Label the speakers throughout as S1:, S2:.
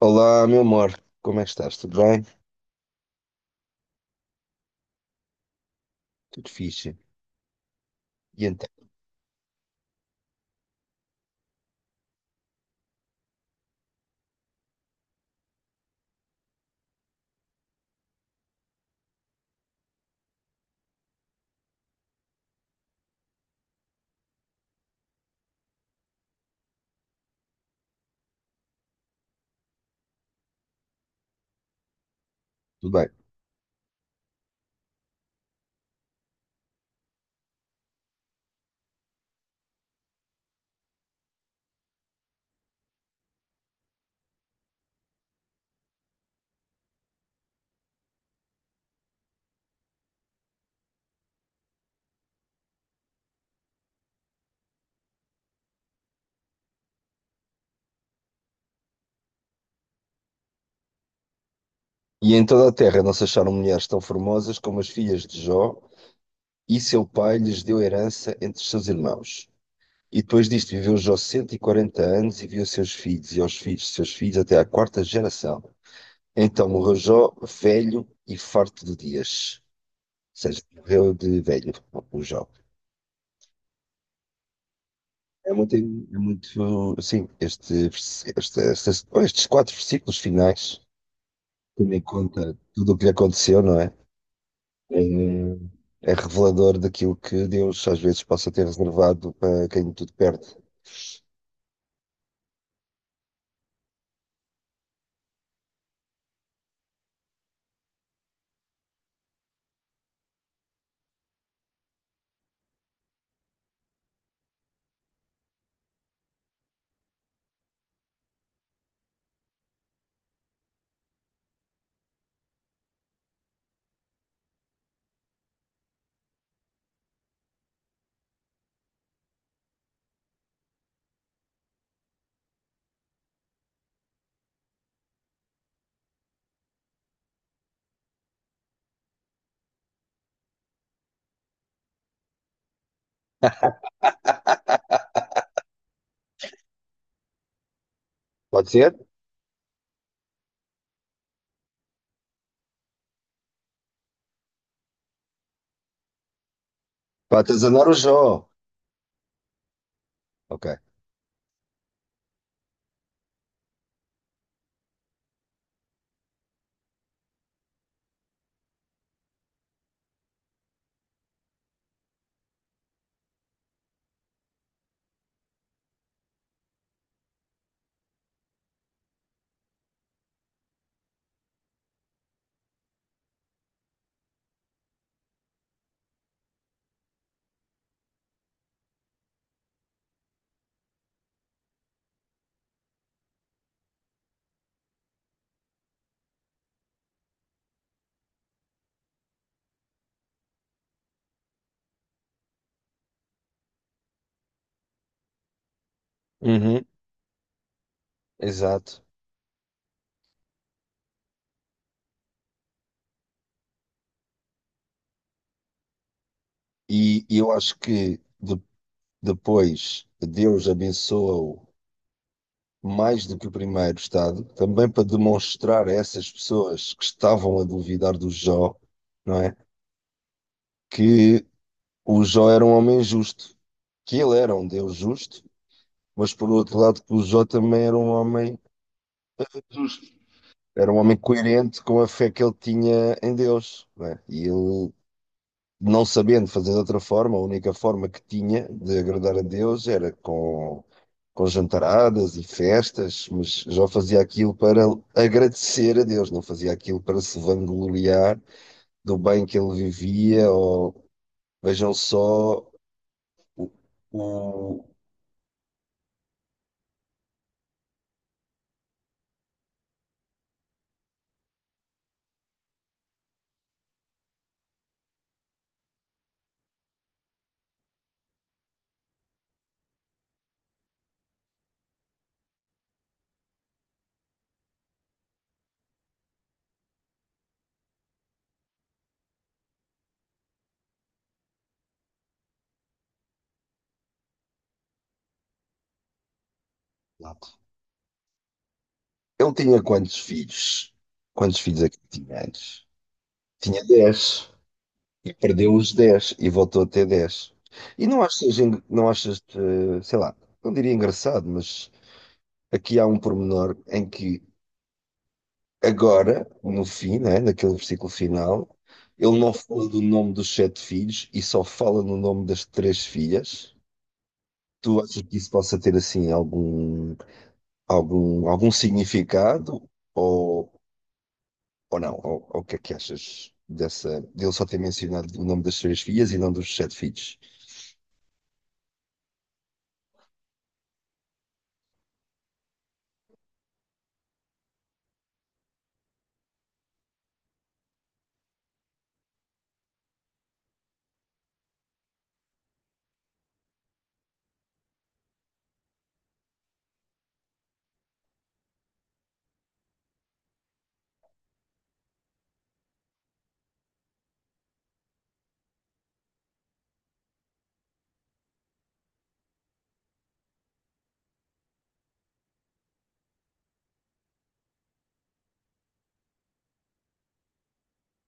S1: Olá, meu amor, como é que estás? Tudo bem? Tudo fixe. E então, tudo bem. E em toda a terra não se acharam mulheres tão formosas como as filhas de Jó, e seu pai lhes deu herança entre seus irmãos. E depois disto viveu Jó 140 anos e viu seus filhos e aos filhos de seus filhos até à quarta geração. Então morreu Jó velho e farto de dias. Ou seja, morreu de velho, o Jó. É muito, sim, estes quatro versículos finais. Tendo em conta tudo o que lhe aconteceu, não é? É, é revelador daquilo que Deus às vezes possa ter reservado para quem tudo perde. Pode ser? Para atazanar o Jó. Ok. Uhum. Exato. E eu acho que depois Deus abençoa-o mais do que o primeiro estado, também para demonstrar a essas pessoas que estavam a duvidar do Jó, não é? Que o Jó era um homem justo, que ele era um Deus justo, mas por outro lado que o Jó também era um homem justo, era um homem coerente com a fé que ele tinha em Deus, né? E ele, não sabendo fazer de outra forma, a única forma que tinha de agradar a Deus era com jantaradas e festas, mas Jó fazia aquilo para agradecer a Deus, não fazia aquilo para se vangloriar do bem que ele vivia, ou vejam só o... Ele tinha quantos filhos? Quantos filhos é que tinha antes? Tinha dez. E perdeu os 10 e voltou a ter dez. E não achas, não achas, sei lá, não diria engraçado, mas aqui há um pormenor em que agora, no fim, né, naquele versículo final, ele não fala do nome dos sete filhos e só fala no nome das três filhas. Tu achas que isso possa ter assim algum, algum significado ou, ou não? Ou o que é que achas dessa, dele só ter mencionado o nome das três filhas e não dos sete filhos?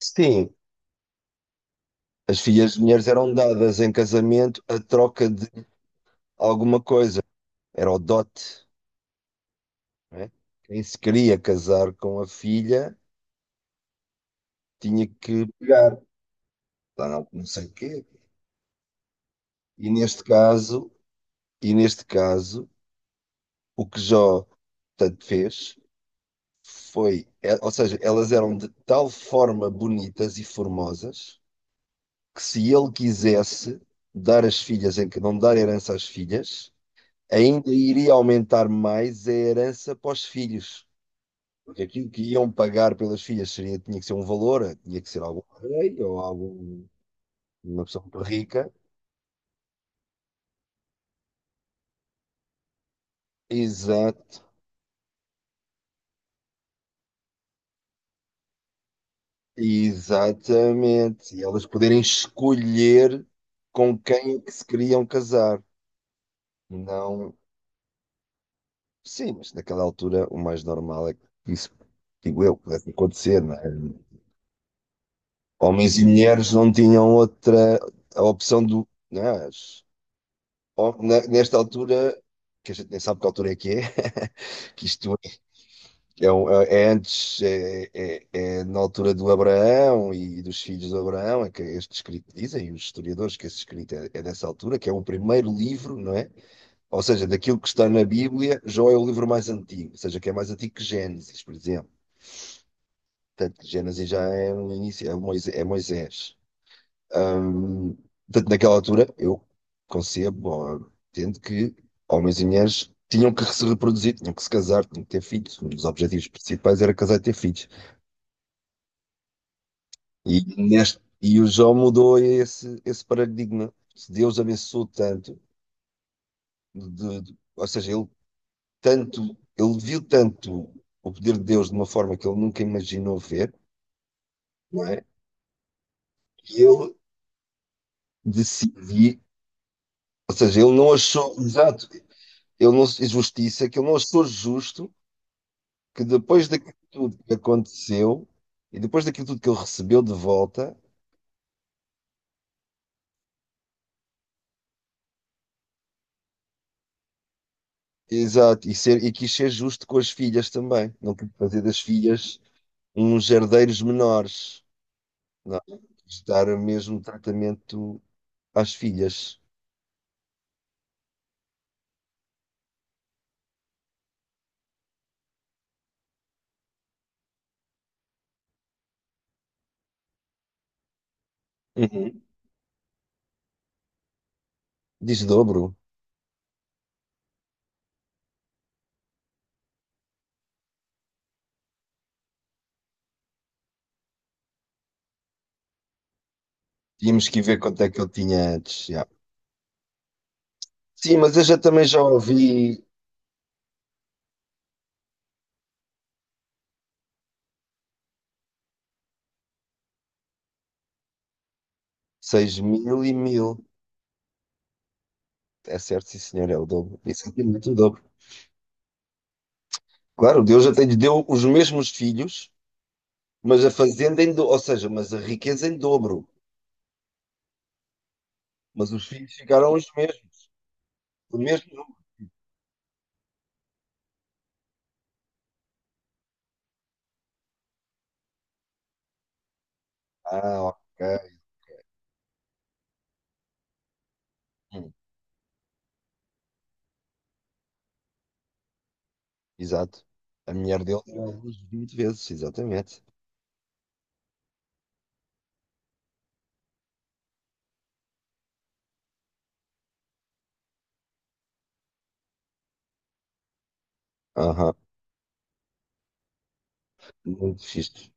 S1: Sim, as filhas de mulheres eram dadas em casamento a troca de alguma coisa. Era o dote, não é? Quem se queria casar com a filha tinha que pagar, lá não, não sei o quê. E neste caso, e neste caso, o que Jó tanto fez foi, ou seja, elas eram de tal forma bonitas e formosas que se ele quisesse dar as filhas, em que não dar herança às filhas, ainda iria aumentar mais a herança para os filhos. Porque aquilo que iam pagar pelas filhas seria, tinha que ser um valor, tinha que ser algum rei ou algum, uma pessoa muito rica. Exato, exatamente. E elas poderem escolher com quem é que se queriam casar. Não, sim, mas naquela altura o mais normal é que isso, digo eu, pudesse acontecer, não é? Homens e mulheres não tinham outra a opção do, não é? Ó, nesta altura, que a gente nem sabe que altura é que é, que isto é, é antes, é na altura do Abraão e dos filhos do Abraão, é que este escrito, dizem os historiadores que esse escrito é, é dessa altura, que é o primeiro livro, não é? Ou seja, daquilo que está na Bíblia, Jó é o livro mais antigo, ou seja, que é mais antigo que Gênesis, por exemplo. Portanto, Gênesis já é no início, é Moisés. É Moisés. Ahm, Portanto, naquela altura, eu concebo, ou entendo que homens e mulheres tinham que se reproduzir, tinham que se casar, tinham que ter filhos. Um dos objetivos principais era casar e ter filhos. E, neste, e o João mudou esse paradigma. Se Deus abençoou tanto, ou seja, ele tanto, ele viu tanto o poder de Deus de uma forma que ele nunca imaginou ver, não é? Que ele decidiu, ou seja, ele não achou, exato, ele não, justiça, que ele não achou justo que depois daquilo tudo que aconteceu e depois daquilo tudo que ele recebeu de volta, exato, e, ser, e quis ser justo com as filhas também, não quis fazer das filhas uns herdeiros menores, não, é? Quis dar o mesmo tratamento às filhas. Uhum. Desdobro. Tínhamos que ver quanto é que ele tinha antes. Já. Sim, mas eu já também já ouvi seis mil e mil. É certo, sim, senhor, é o dobro. Isso é muito o dobro. Claro, Deus até lhe deu os mesmos filhos. Mas a fazenda, em do... ou seja, mas a riqueza em dobro. Mas os filhos ficaram os mesmos. O mesmo número. Ah, ok. Hum. Exato. A mulher dele deu à luz 20 vezes, exatamente. Aham, muito fixe.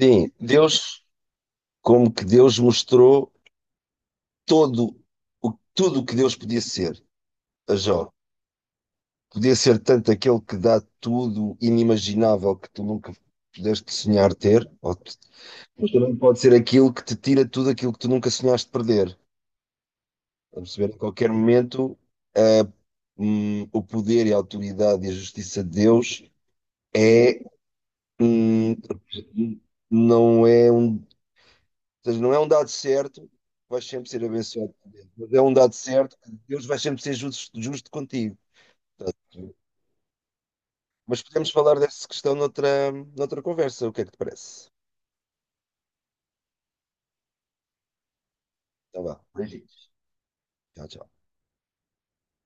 S1: Sim, Deus, como que Deus mostrou todo o, tudo o que Deus podia ser a Jó. Podia ser tanto aquele que dá tudo inimaginável que tu nunca pudeste sonhar ter, ou mas também pode ser aquilo que te tira tudo aquilo que tu nunca sonhaste perder. A perceber, em qualquer momento, a- o poder e a autoridade e a justiça de Deus é, hum, não é um, ou seja, não é um dado certo que vais sempre ser abençoado por Deus, mas é um dado certo que Deus vai sempre ser justo, justo contigo. Mas podemos falar dessa questão noutra, noutra conversa, o que é que te parece? Tá vá, beijinhos. Tchau, tchau.